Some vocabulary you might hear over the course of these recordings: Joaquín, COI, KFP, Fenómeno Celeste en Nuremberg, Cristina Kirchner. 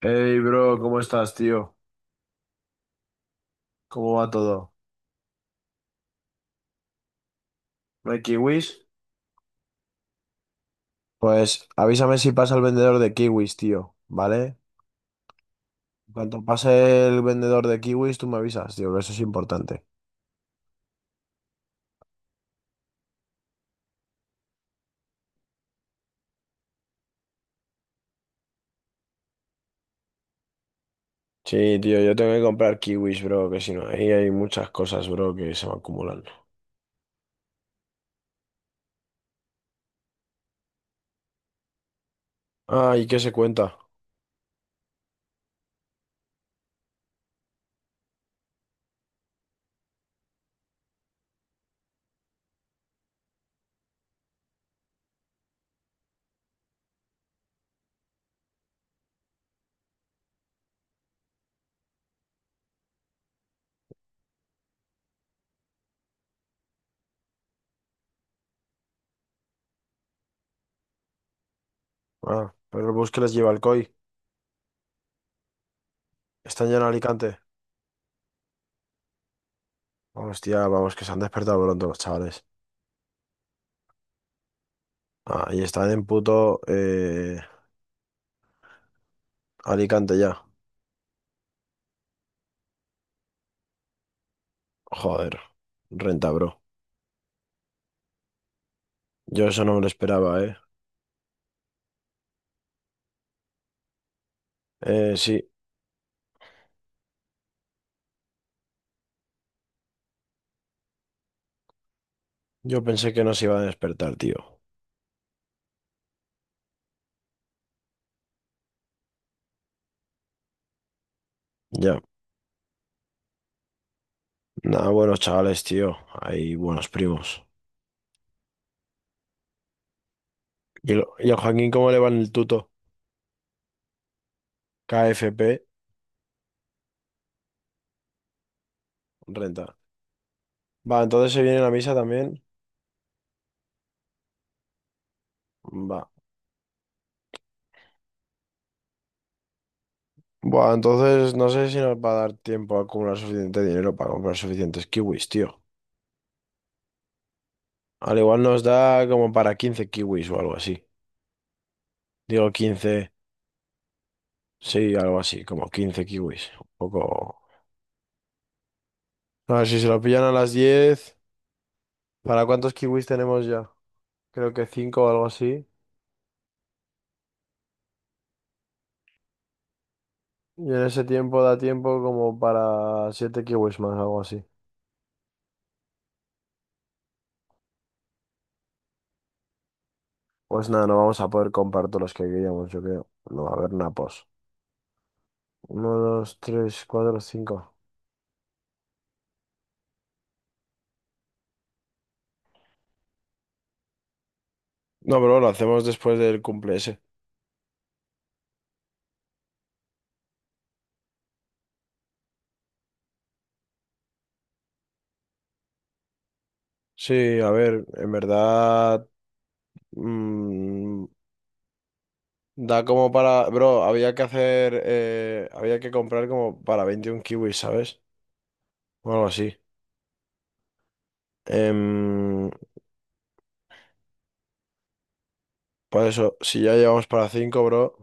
Hey, bro, ¿cómo estás, tío? ¿Cómo va todo? ¿No hay kiwis? Pues avísame si pasa el vendedor de kiwis, tío, ¿vale? En cuanto pase el vendedor de kiwis, tú me avisas, tío, que eso es importante. Sí, tío, yo tengo que comprar kiwis, bro, que si no, ahí hay muchas cosas, bro, que se van acumulando. Ah, ¿y qué se cuenta? Ah, pero el bus que les lleva el COI. ¿Están ya en Alicante? Hostia, vamos, que se han despertado pronto los chavales. Ah, y están en puto Alicante ya. Joder, renta, bro. Yo eso no me lo esperaba, ¿eh? Sí, yo pensé que nos iba a despertar, tío. Ya. Nada, buenos chavales, tío. Hay buenos primos. ¿Y al Joaquín cómo le va en el tuto? KFP, renta. Va, entonces se viene la misa también. Va. Buah, entonces no sé si nos va a dar tiempo a acumular suficiente dinero para comprar suficientes kiwis, tío. Al igual nos da como para 15 kiwis o algo así. Digo 15, sí, algo así, como 15 kiwis. Un poco. A ver si se lo pillan a las 10. ¿Para cuántos kiwis tenemos ya? Creo que cinco o algo así. Y en ese tiempo da tiempo como para siete kiwis más, algo así. Pues nada, no vamos a poder comprar todos los que queríamos, yo creo. No va a haber napos. Uno, dos, tres, cuatro, cinco. No, pero lo hacemos después del cumple ese. Sí, a ver, en verdad. mm, Da como para. Bro, había que hacer. Había que comprar como para 21 kiwis, ¿sabes? O algo así. Em, por eso, si ya llevamos para 5, bro.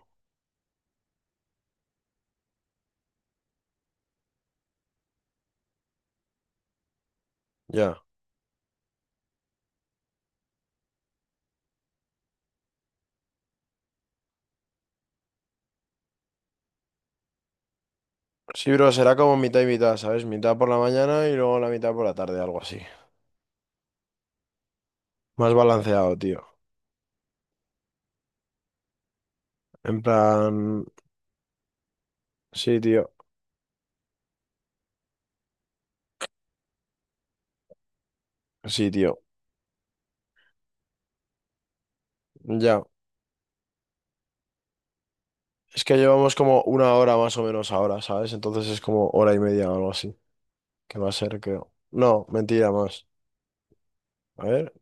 Ya. Sí, bro, será como mitad y mitad, ¿sabes? Mitad por la mañana y luego la mitad por la tarde, algo así. Más balanceado, tío. En plan. Sí, tío. Sí, tío. Ya. Es que llevamos como una hora más o menos ahora, ¿sabes? Entonces es como hora y media o algo así. Que va a ser, creo. No, mentira más. A ver,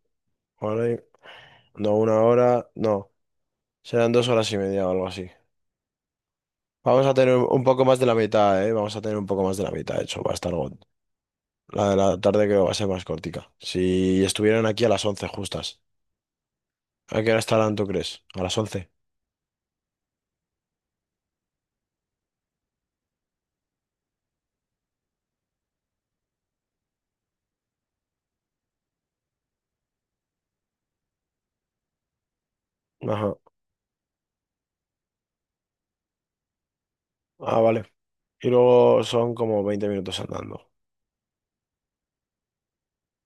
hora y- No, una hora. No. Serán 2 horas y media o algo así. Vamos a tener un poco más de la mitad, ¿eh? Vamos a tener un poco más de la mitad, de hecho. Va a estar. La de la tarde creo que va a ser más cortica. Si estuvieran aquí a las 11 justas. ¿A qué hora estarán, tú crees? A las once. Ajá. Ah, vale. Y luego son como 20 minutos andando.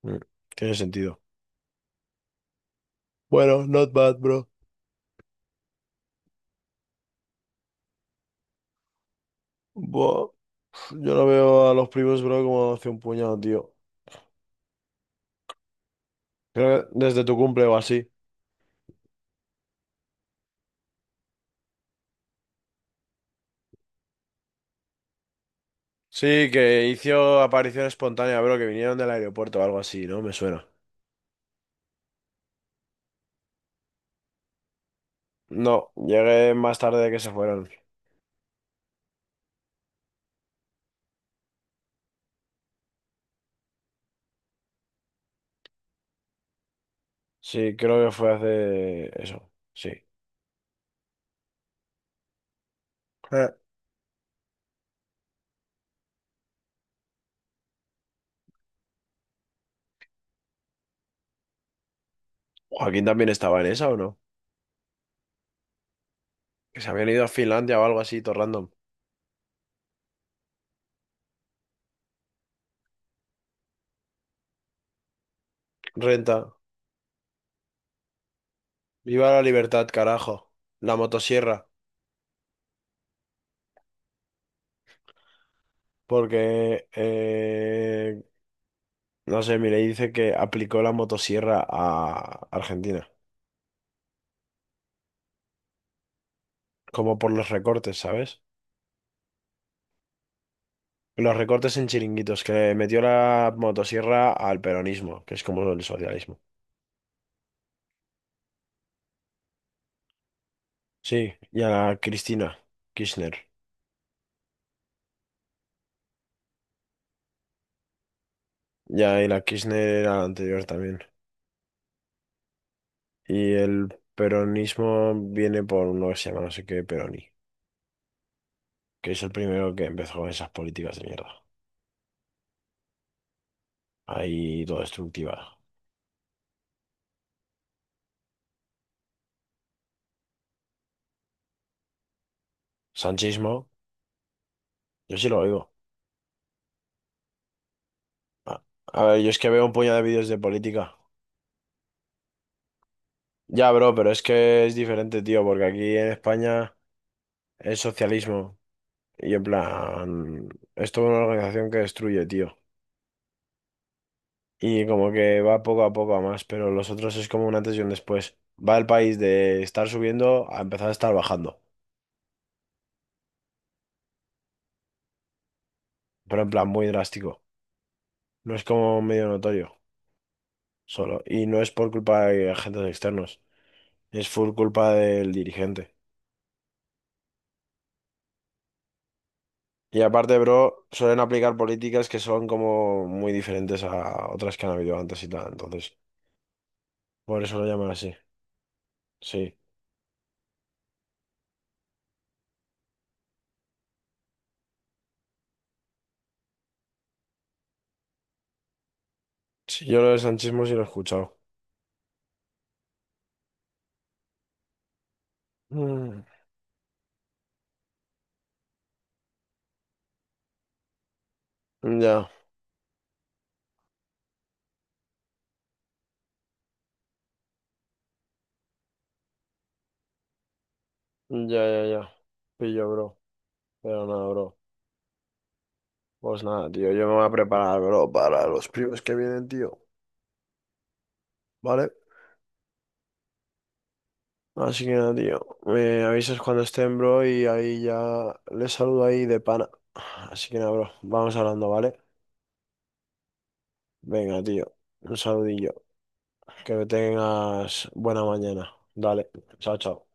Mm, Tiene sentido. Bueno, not bad, bro. Buah, yo no veo a los primos, bro, como hace un puñado, tío. Creo que desde tu cumple o así. Sí, que hizo aparición espontánea, bro, que vinieron del aeropuerto o algo así, ¿no? Me suena. No, llegué más tarde de que se fueron. Sí, creo que fue hace eso. Sí. Joaquín también estaba en esa, ¿o no? Que se habían ido a Finlandia o algo así, todo random. Renta. Viva la libertad, carajo. La motosierra. Porque, no sé, mire, dice que aplicó la motosierra a Argentina. Como por los recortes, ¿sabes? Los recortes en chiringuitos, que metió la motosierra al peronismo, que es como el socialismo. Sí, y a la Cristina Kirchner. Ya, y la Kirchner era la anterior también. Y el peronismo viene por uno que se llama no sé qué Peroni, que es el primero que empezó con esas políticas de mierda. Ahí todo destructiva. Sanchismo, yo sí lo oigo. A, a ver, yo es que veo un puñado de vídeos de política. Ya, bro, pero es que es diferente, tío, porque aquí en España es socialismo. Y en plan, es toda una organización que destruye, tío. Y como que va poco a poco a más, pero los otros es como un antes y un después. Va el país de estar subiendo a empezar a estar bajando. Pero en plan muy drástico. No es como medio notorio, solo. Y no es por culpa de agentes externos, es full culpa del dirigente. Y aparte, bro, suelen aplicar políticas que son como muy diferentes a otras que han habido antes y tal. Entonces, por eso lo llaman así. Sí. Sí, yo lo del sanchismo sí lo he escuchado. Mm, ya, ya, ya, ya. Pillo, bro. Pero nada, bro. Pues nada, tío, yo me voy a preparar, bro, para los primos que vienen, tío. ¿Vale? Así que nada, tío. Me avisas cuando estén, bro, y ahí ya les saludo ahí de pana. Así que nada, bro. Vamos hablando, ¿vale? Venga, tío. Un saludillo. Que tengas buena mañana. Dale. Chao, chao.